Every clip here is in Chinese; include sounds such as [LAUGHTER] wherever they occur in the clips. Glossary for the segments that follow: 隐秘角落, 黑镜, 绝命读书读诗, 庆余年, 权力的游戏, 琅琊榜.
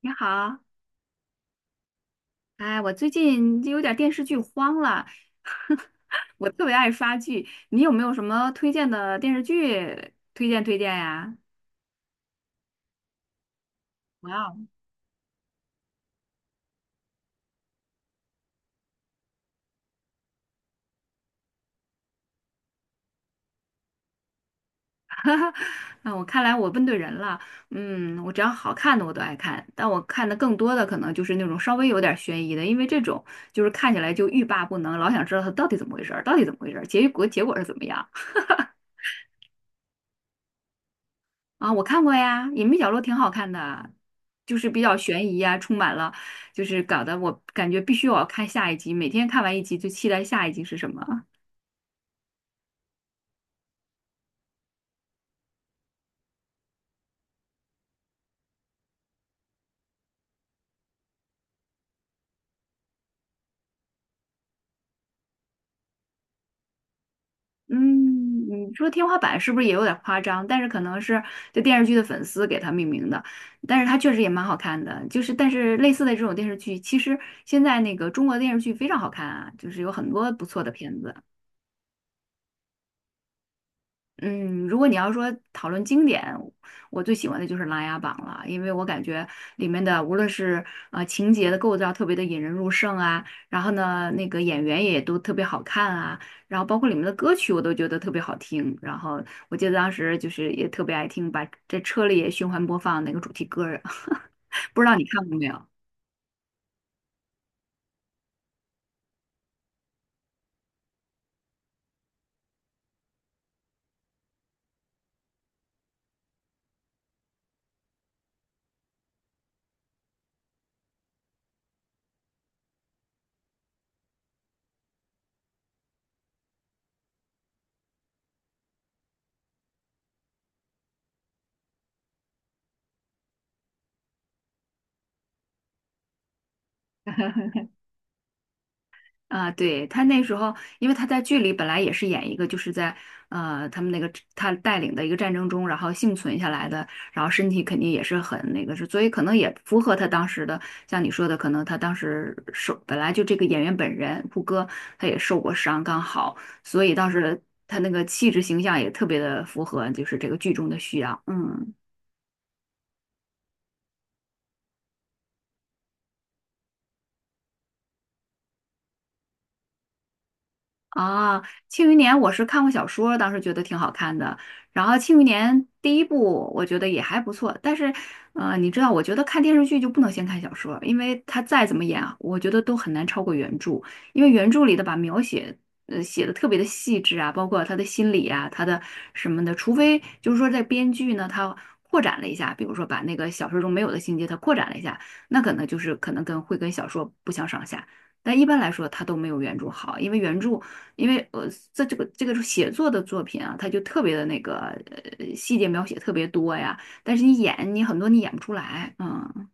你好。哎，我最近就有点电视剧荒了，[LAUGHS] 我特别爱刷剧，你有没有什么推荐的电视剧推荐呀？哇哦，那我看来我问对人了。嗯，我只要好看的我都爱看，但我看的更多的可能就是那种稍微有点悬疑的，因为这种就是看起来就欲罢不能，老想知道它到底怎么回事儿，到底怎么回事儿，结果是怎么样。啊，我看过呀，《隐秘角落》挺好看的，就是比较悬疑啊，充满了，就是搞得我感觉必须我要看下一集，每天看完一集就期待下一集是什么。[LAUGHS] 嗯，你说天花板是不是也有点夸张？但是可能是这电视剧的粉丝给它命名的，但是它确实也蛮好看的。就是但是类似的这种电视剧，其实现在那个中国电视剧非常好看啊，就是有很多不错的片子。嗯，如果你要说讨论经典，我最喜欢的就是《琅琊榜》了，因为我感觉里面的无论是情节的构造特别的引人入胜啊，然后呢那个演员也都特别好看啊，然后包括里面的歌曲我都觉得特别好听，然后我记得当时就是也特别爱听，把这车里也循环播放那个主题歌儿，[LAUGHS] 不知道你看过没有？啊，对，他那时候，因为他在剧里本来也是演一个，就是在他们那个他带领的一个战争中，然后幸存下来的，然后身体肯定也是很那个是，所以可能也符合他当时的，像你说的，可能他当时受本来就这个演员本人胡歌他也受过伤，刚好，所以当时他那个气质形象也特别的符合，就是这个剧中的需要，嗯。啊，《庆余年》我是看过小说，当时觉得挺好看的。然后《庆余年》第一部我觉得也还不错，但是，你知道，我觉得看电视剧就不能先看小说，因为它再怎么演啊，我觉得都很难超过原著，因为原著里的把描写，写的特别的细致啊，包括他的心理啊，他的什么的，除非就是说在编剧呢，他扩展了一下，比如说把那个小说中没有的情节他扩展了一下，那可能就是可能跟会跟小说不相上下。但一般来说，它都没有原著好，因为原著因为这个写作的作品啊，它就特别的那个细节描写特别多呀，但是你演你很多你演不出来，嗯。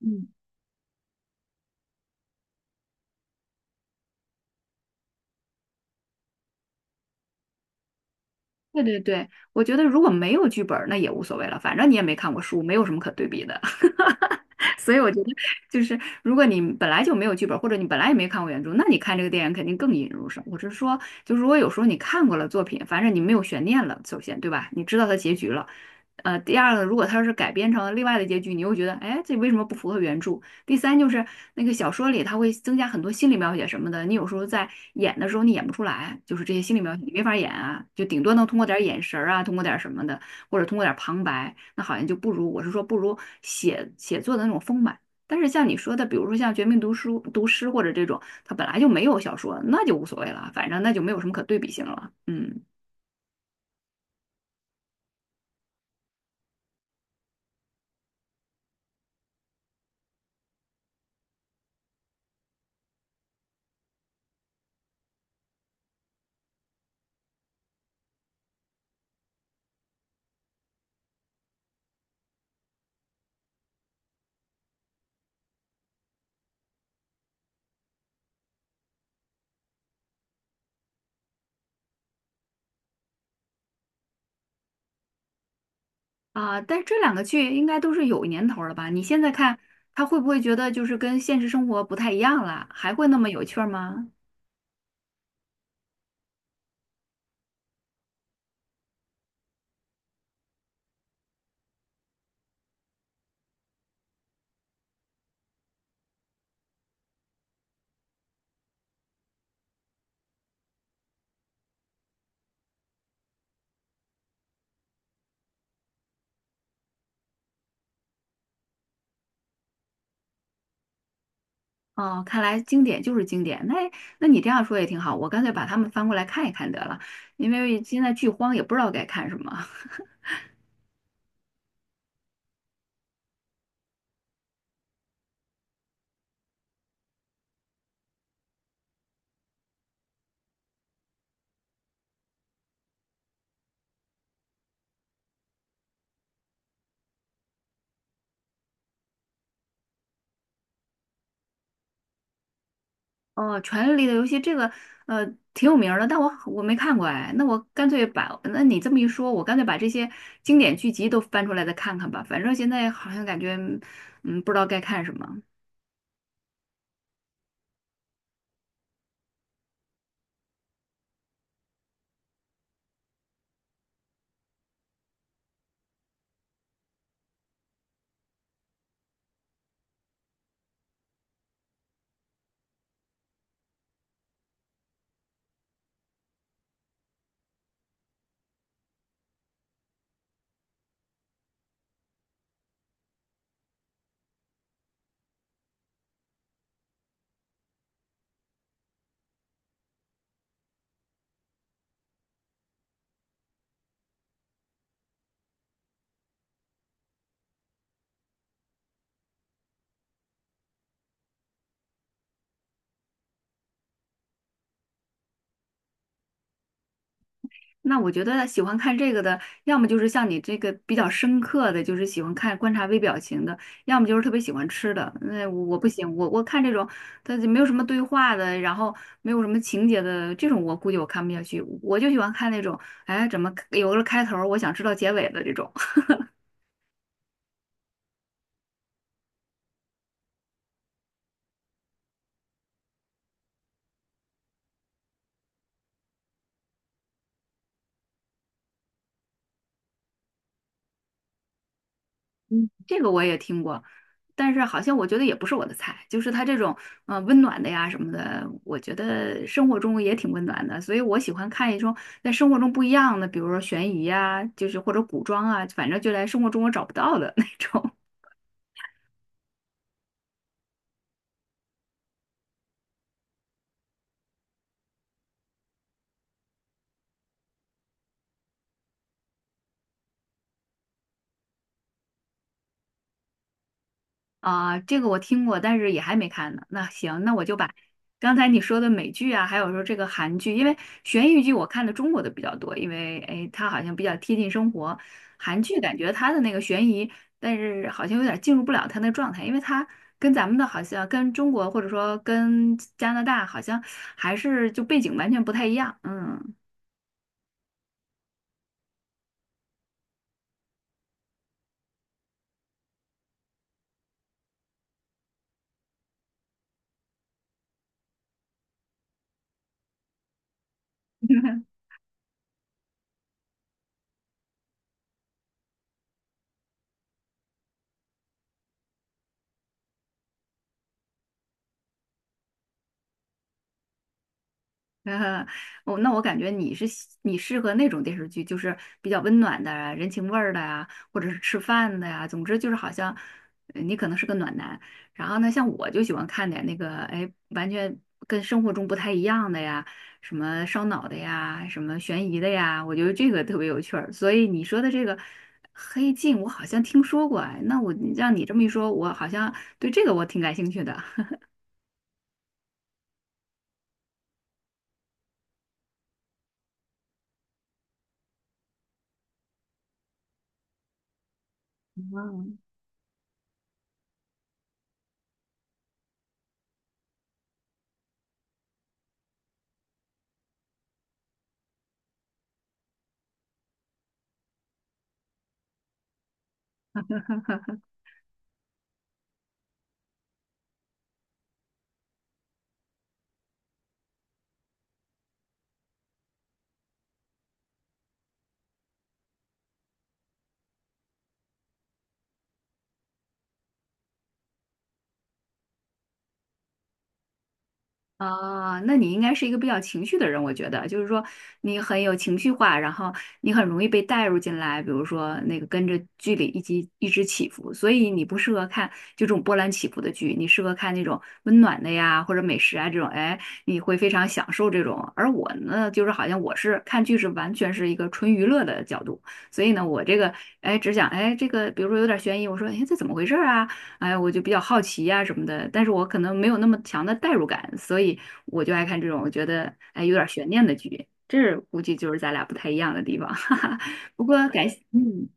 嗯。对对对，我觉得如果没有剧本儿，那也无所谓了，反正你也没看过书，没有什么可对比的。[LAUGHS] 所以我觉得，就是如果你本来就没有剧本儿，或者你本来也没看过原著，那你看这个电影肯定更引人入胜。我是说，就是如果有时候你看过了作品，反正你没有悬念了，首先对吧？你知道它结局了。第二个，如果它要是改编成另外的结局，你又觉得，哎，这为什么不符合原著？第三就是那个小说里，它会增加很多心理描写什么的，你有时候在演的时候你演不出来，就是这些心理描写你没法演啊，就顶多能通过点儿眼神儿啊，通过点儿什么的，或者通过点儿旁白，那好像就不如我是说不如写写作的那种丰满。但是像你说的，比如说像《绝命读书读诗》毒师或者这种，它本来就没有小说，那就无所谓了，反正那就没有什么可对比性了。嗯。啊，但是这两个剧应该都是有年头了吧？你现在看，他会不会觉得就是跟现实生活不太一样了？还会那么有趣儿吗？哦，看来经典就是经典。那那你这样说也挺好，我干脆把它们翻过来看一看得了，因为现在剧荒也不知道该看什么。[LAUGHS] 哦，《权力的游戏》这个呃挺有名儿的，但我没看过哎。那我干脆把，那你这么一说，我干脆把这些经典剧集都翻出来再看看吧。反正现在好像感觉不知道该看什么。那我觉得喜欢看这个的，要么就是像你这个比较深刻的，就是喜欢看观察微表情的，要么就是特别喜欢吃的。那我我不行，我看这种，它就没有什么对话的，然后没有什么情节的这种，我估计我看不下去。我就喜欢看那种，哎，怎么有个开头儿我想知道结尾的这种。嗯这个我也听过，但是好像我觉得也不是我的菜，就是他这种温暖的呀什么的，我觉得生活中也挺温暖的，所以我喜欢看一种在生活中不一样的，比如说悬疑呀，就是或者古装啊，反正就在生活中我找不到的 [LAUGHS] 那种。啊，这个我听过，但是也还没看呢。那行，那我就把刚才你说的美剧啊，还有说这个韩剧，因为悬疑剧我看的中国的比较多，因为哎，它好像比较贴近生活。韩剧感觉它的那个悬疑，但是好像有点进入不了它那个状态，因为它跟咱们的好像跟中国或者说跟加拿大好像还是就背景完全不太一样。嗯。[LAUGHS] [LAUGHS] 呃，我那我感觉你是喜你适合那种电视剧，就是比较温暖的啊、人情味儿的呀，或者是吃饭的呀，总之就是好像你可能是个暖男。然后呢，像我就喜欢看点那个，哎，完全跟生活中不太一样的呀，什么烧脑的呀，什么悬疑的呀，我觉得这个特别有趣儿。所以你说的这个《黑镜》，我好像听说过，哎，那我让你这么一说，我好像对这个我挺感兴趣的。啊，那你应该是一个比较情绪的人，我觉得，就是说你很有情绪化，然后你很容易被带入进来，比如说那个跟着剧里一起一直起伏，所以你不适合看就这种波澜起伏的剧，你适合看那种温暖的呀，或者美食啊这种，哎，你会非常享受这种。而我呢，就是好像我是看剧是完全是一个纯娱乐的角度，所以呢，我这个哎只想哎这个，比如说有点悬疑，我说哎这怎么回事儿啊？哎，我就比较好奇呀、什么的，但是我可能没有那么强的代入感，所以我就爱看这种我觉得哎有点悬念的剧，这是估计就是咱俩不太一样的地方。[LAUGHS] 哈哈。不过感谢，嗯，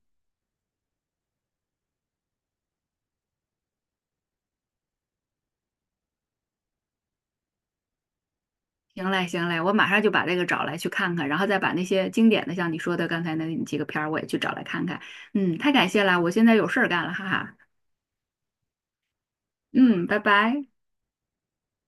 行嘞行嘞，我马上就把这个找来去看看，然后再把那些经典的像你说的刚才那几个片儿我也去找来看看，嗯，太感谢了，我现在有事儿干了，哈哈，嗯，拜拜。